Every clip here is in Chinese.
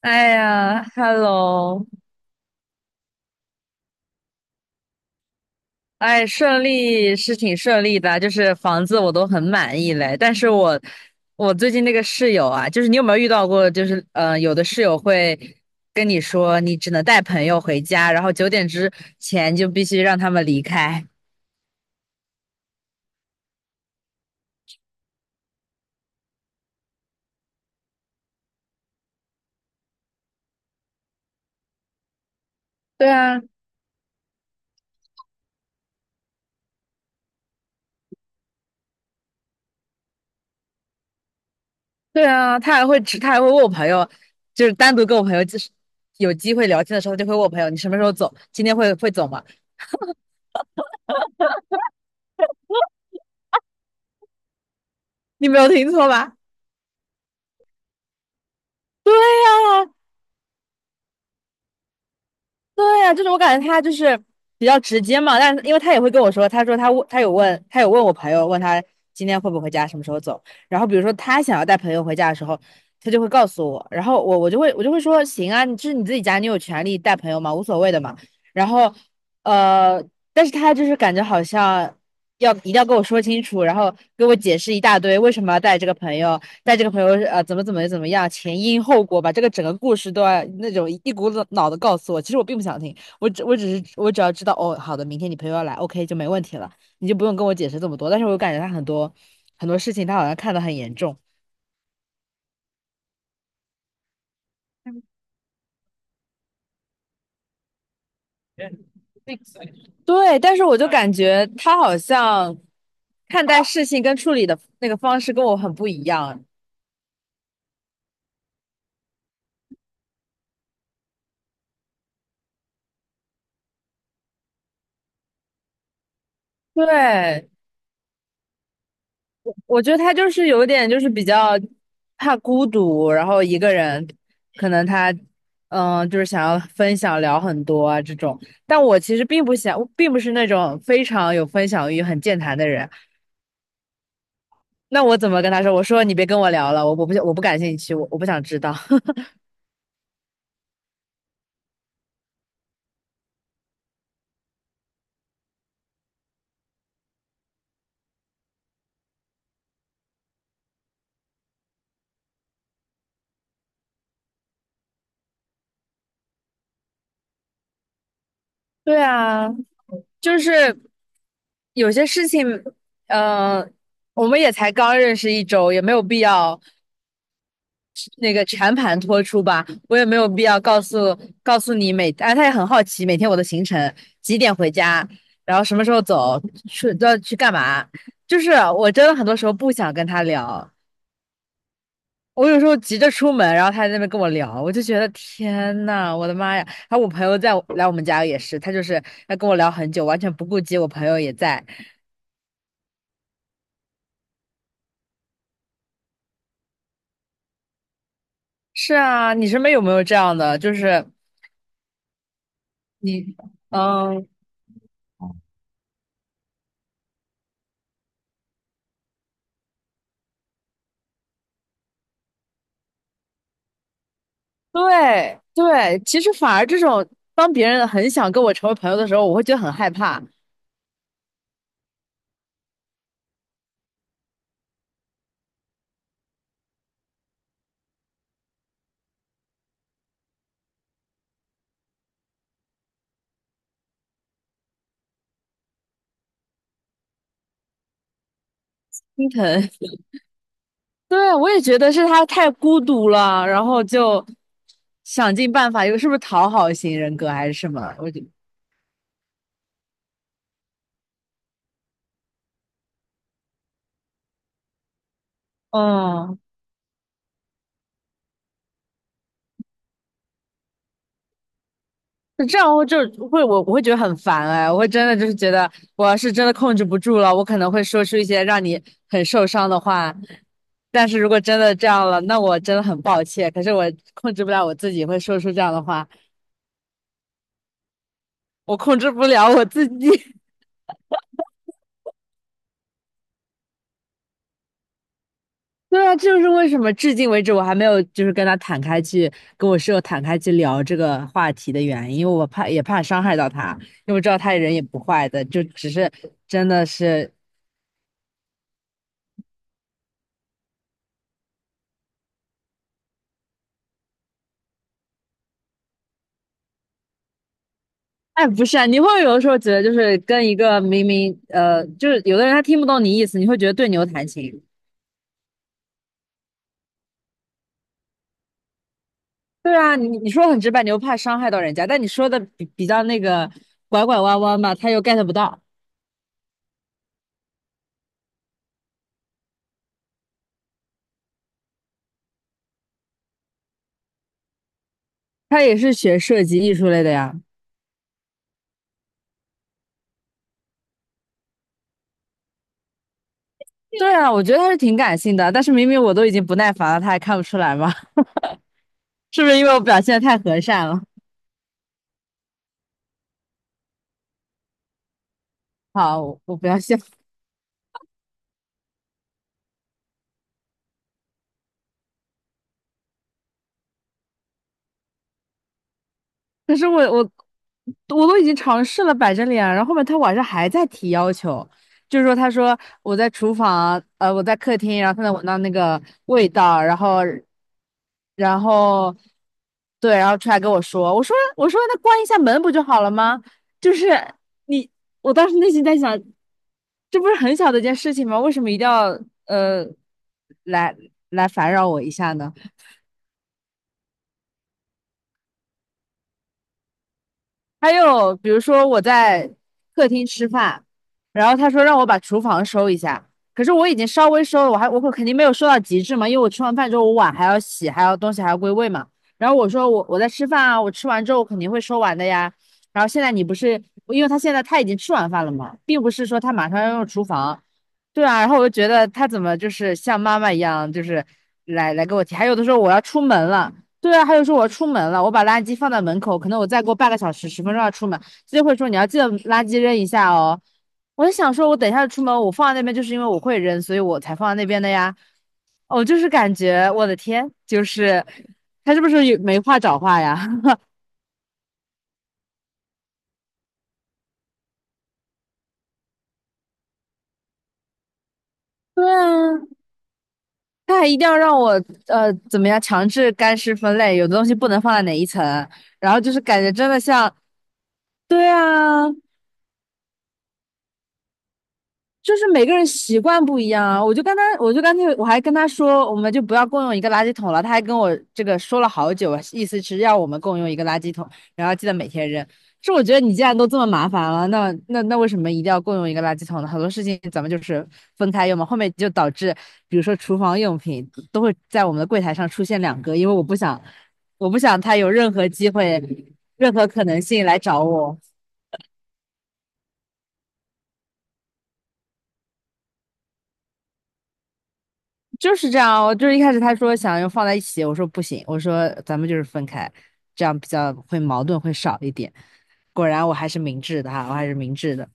哎呀，Hello，哎，顺利是挺顺利的，就是房子我都很满意嘞。但是我最近那个室友啊，就是你有没有遇到过？就是有的室友会跟你说，你只能带朋友回家，然后九点之前就必须让他们离开。对啊，对啊，他还会他还会问我朋友，就是单独跟我朋友就是有机会聊天的时候，他就会问我朋友，你什么时候走？今天会走吗？你没有听错吧？啊！对呀，就是我感觉他就是比较直接嘛，但是因为他也会跟我说，他说他有问我朋友，问他今天会不会回家，什么时候走。然后比如说他想要带朋友回家的时候，他就会告诉我，然后我就会说行啊，你这是你自己家，你有权利带朋友嘛，无所谓的嘛。然后呃，但是他就是感觉好像一定要跟我说清楚，然后给我解释一大堆为什么要带这个朋友，带这个朋友怎么样，前因后果，把这个整个故事都要那种一股脑的告诉我。其实我并不想听，我只要知道哦，好的，明天你朋友要来，OK 就没问题了，你就不用跟我解释这么多。但是我感觉他很多事情，他好像看得很严重。对，但是我就感觉他好像看待事情跟处理的那个方式跟我很不一样。对，我觉得他就是有点就是比较怕孤独，然后一个人，可能他就是想要分享聊很多啊这种。但我其实并不想，并不是那种非常有分享欲、很健谈的人。那我怎么跟他说？我说你别跟我聊了，我不感兴趣，我不想知道。对啊，就是有些事情，嗯、我们也才刚认识一周，也没有必要那个全盘托出吧，我也没有必要告诉你每，哎，他也很好奇每天我的行程，几点回家，然后什么时候走，去都要去干嘛，就是我真的很多时候不想跟他聊，我有时候急着出门，然后他在那边跟我聊，我就觉得天呐，我的妈呀！还有我朋友在我来我们家也是，他就是要跟我聊很久，完全不顾及我朋友也在。是啊，你身边有没有这样的？就是你，嗯，对对，其实反而这种当别人很想跟我成为朋友的时候，我会觉得很害怕、心疼。对，我也觉得是他太孤独了，然后就想尽办法，又是不是讨好型人格还是什么？我就，得，嗯，就这样会我会觉得很烦哎，我会真的就是觉得我要是真的控制不住了，我可能会说出一些让你很受伤的话。但是如果真的这样了，那我真的很抱歉。可是我控制不了我自己，会说出这样的话。我控制不了我自己。对啊，这就是为什么至今为止我还没有就是跟我室友坦开去聊这个话题的原因，因为我怕也怕伤害到他，因为我知道他人也不坏的，就只是真的是，哎，不是啊，你会有的时候觉得就是跟一个明明就是有的人他听不懂你意思，你会觉得对牛弹琴。对啊，你说很直白，你又怕伤害到人家，但你说的比较那个拐弯弯吧，他又 get 不到，他也是学设计艺术类的呀。对啊，我觉得他是挺感性的，但是明明我都已经不耐烦了，他还看不出来吗？是不是因为我表现的太和善了？好，我不要笑。可是我都已经尝试了摆着脸，然后后面他晚上还在提要求，就是说他说我在厨房，我在客厅，然后他能闻到那个味道，然后对，然后出来跟我说，我说那关一下门不就好了吗？就是你，我当时内心在想，这不是很小的一件事情吗？为什么一定要呃来来烦扰我一下呢？还有比如说我在客厅吃饭，然后他说让我把厨房收一下，可是我已经稍微收了，我肯定没有收到极致嘛，因为我吃完饭之后我碗还要洗，还要东西还要归位嘛。然后我说我在吃饭啊，我吃完之后我肯定会收完的呀。然后现在你不是，因为他现在已经吃完饭了嘛，并不是说他马上要用厨房，对啊。然后我就觉得他怎么就是像妈妈一样，就是来给我提，还有的时候我要出门了。对啊，还有说我要出门了，我把垃圾放在门口，可能我再过半个小时、十分钟要出门，他就会说你要记得垃圾扔一下哦。我就想说，我等一下出门，我放在那边就是因为我会扔，所以我才放在那边的呀。我就是感觉，我的天，就是他是不是有没话找话呀？对啊，他还一定要让我怎么样强制干湿分类，有的东西不能放在哪一层，然后就是感觉真的像，对啊，就是每个人习惯不一样啊，我就跟他，我就干脆我还跟他说，我们就不要共用一个垃圾桶了。他还跟我这个说了好久，意思是要我们共用一个垃圾桶，然后记得每天扔。是我觉得你既然都这么麻烦了，那为什么一定要共用一个垃圾桶呢？很多事情咱们就是分开用嘛，后面就导致，比如说厨房用品都会在我们的柜台上出现两个，因为我不想，我不想他有任何机会、任何可能性来找我。就是这样，我就是一开始他说想要放在一起，我说不行，我说咱们就是分开，这样比较会矛盾会少一点。果然我还是明智的哈，我还是明智的。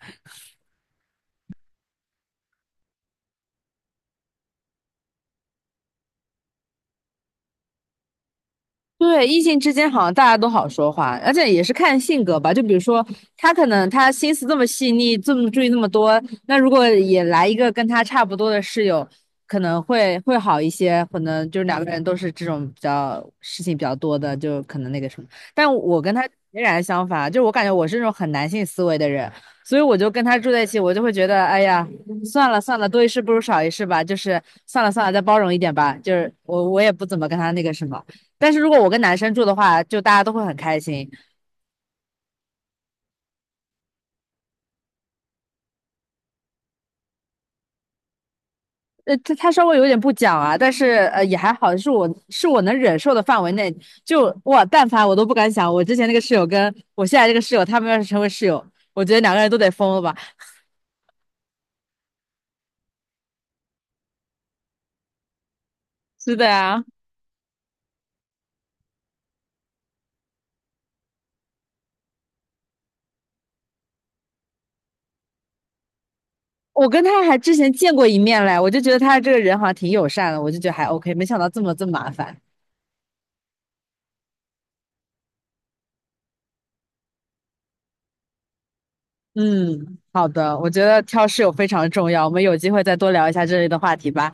对，异性之间好像大家都好说话，而且也是看性格吧。就比如说，他可能他心思这么细腻，这么注意那么多，那如果也来一个跟他差不多的室友，可能会好一些。可能就是两个人都是这种比较事情比较多的，就可能那个什么。但我跟他截然相反，就我感觉我是那种很男性思维的人，所以我就跟他住在一起，我就会觉得，哎呀，算了算了，多一事不如少一事吧，就是算了算了，再包容一点吧。就是我也不怎么跟他那个什么。但是如果我跟男生住的话，就大家都会很开心。他稍微有点不讲啊，但是也还好，是我能忍受的范围内。就哇，但凡我都不敢想，我之前那个室友跟我现在这个室友，他们要是成为室友，我觉得两个人都得疯了吧？是的呀，我跟他还之前见过一面嘞，我就觉得他这个人好像挺友善的，我就觉得还 OK，没想到这么麻烦。嗯，好的，我觉得挑室友非常重要，我们有机会再多聊一下这类的话题吧。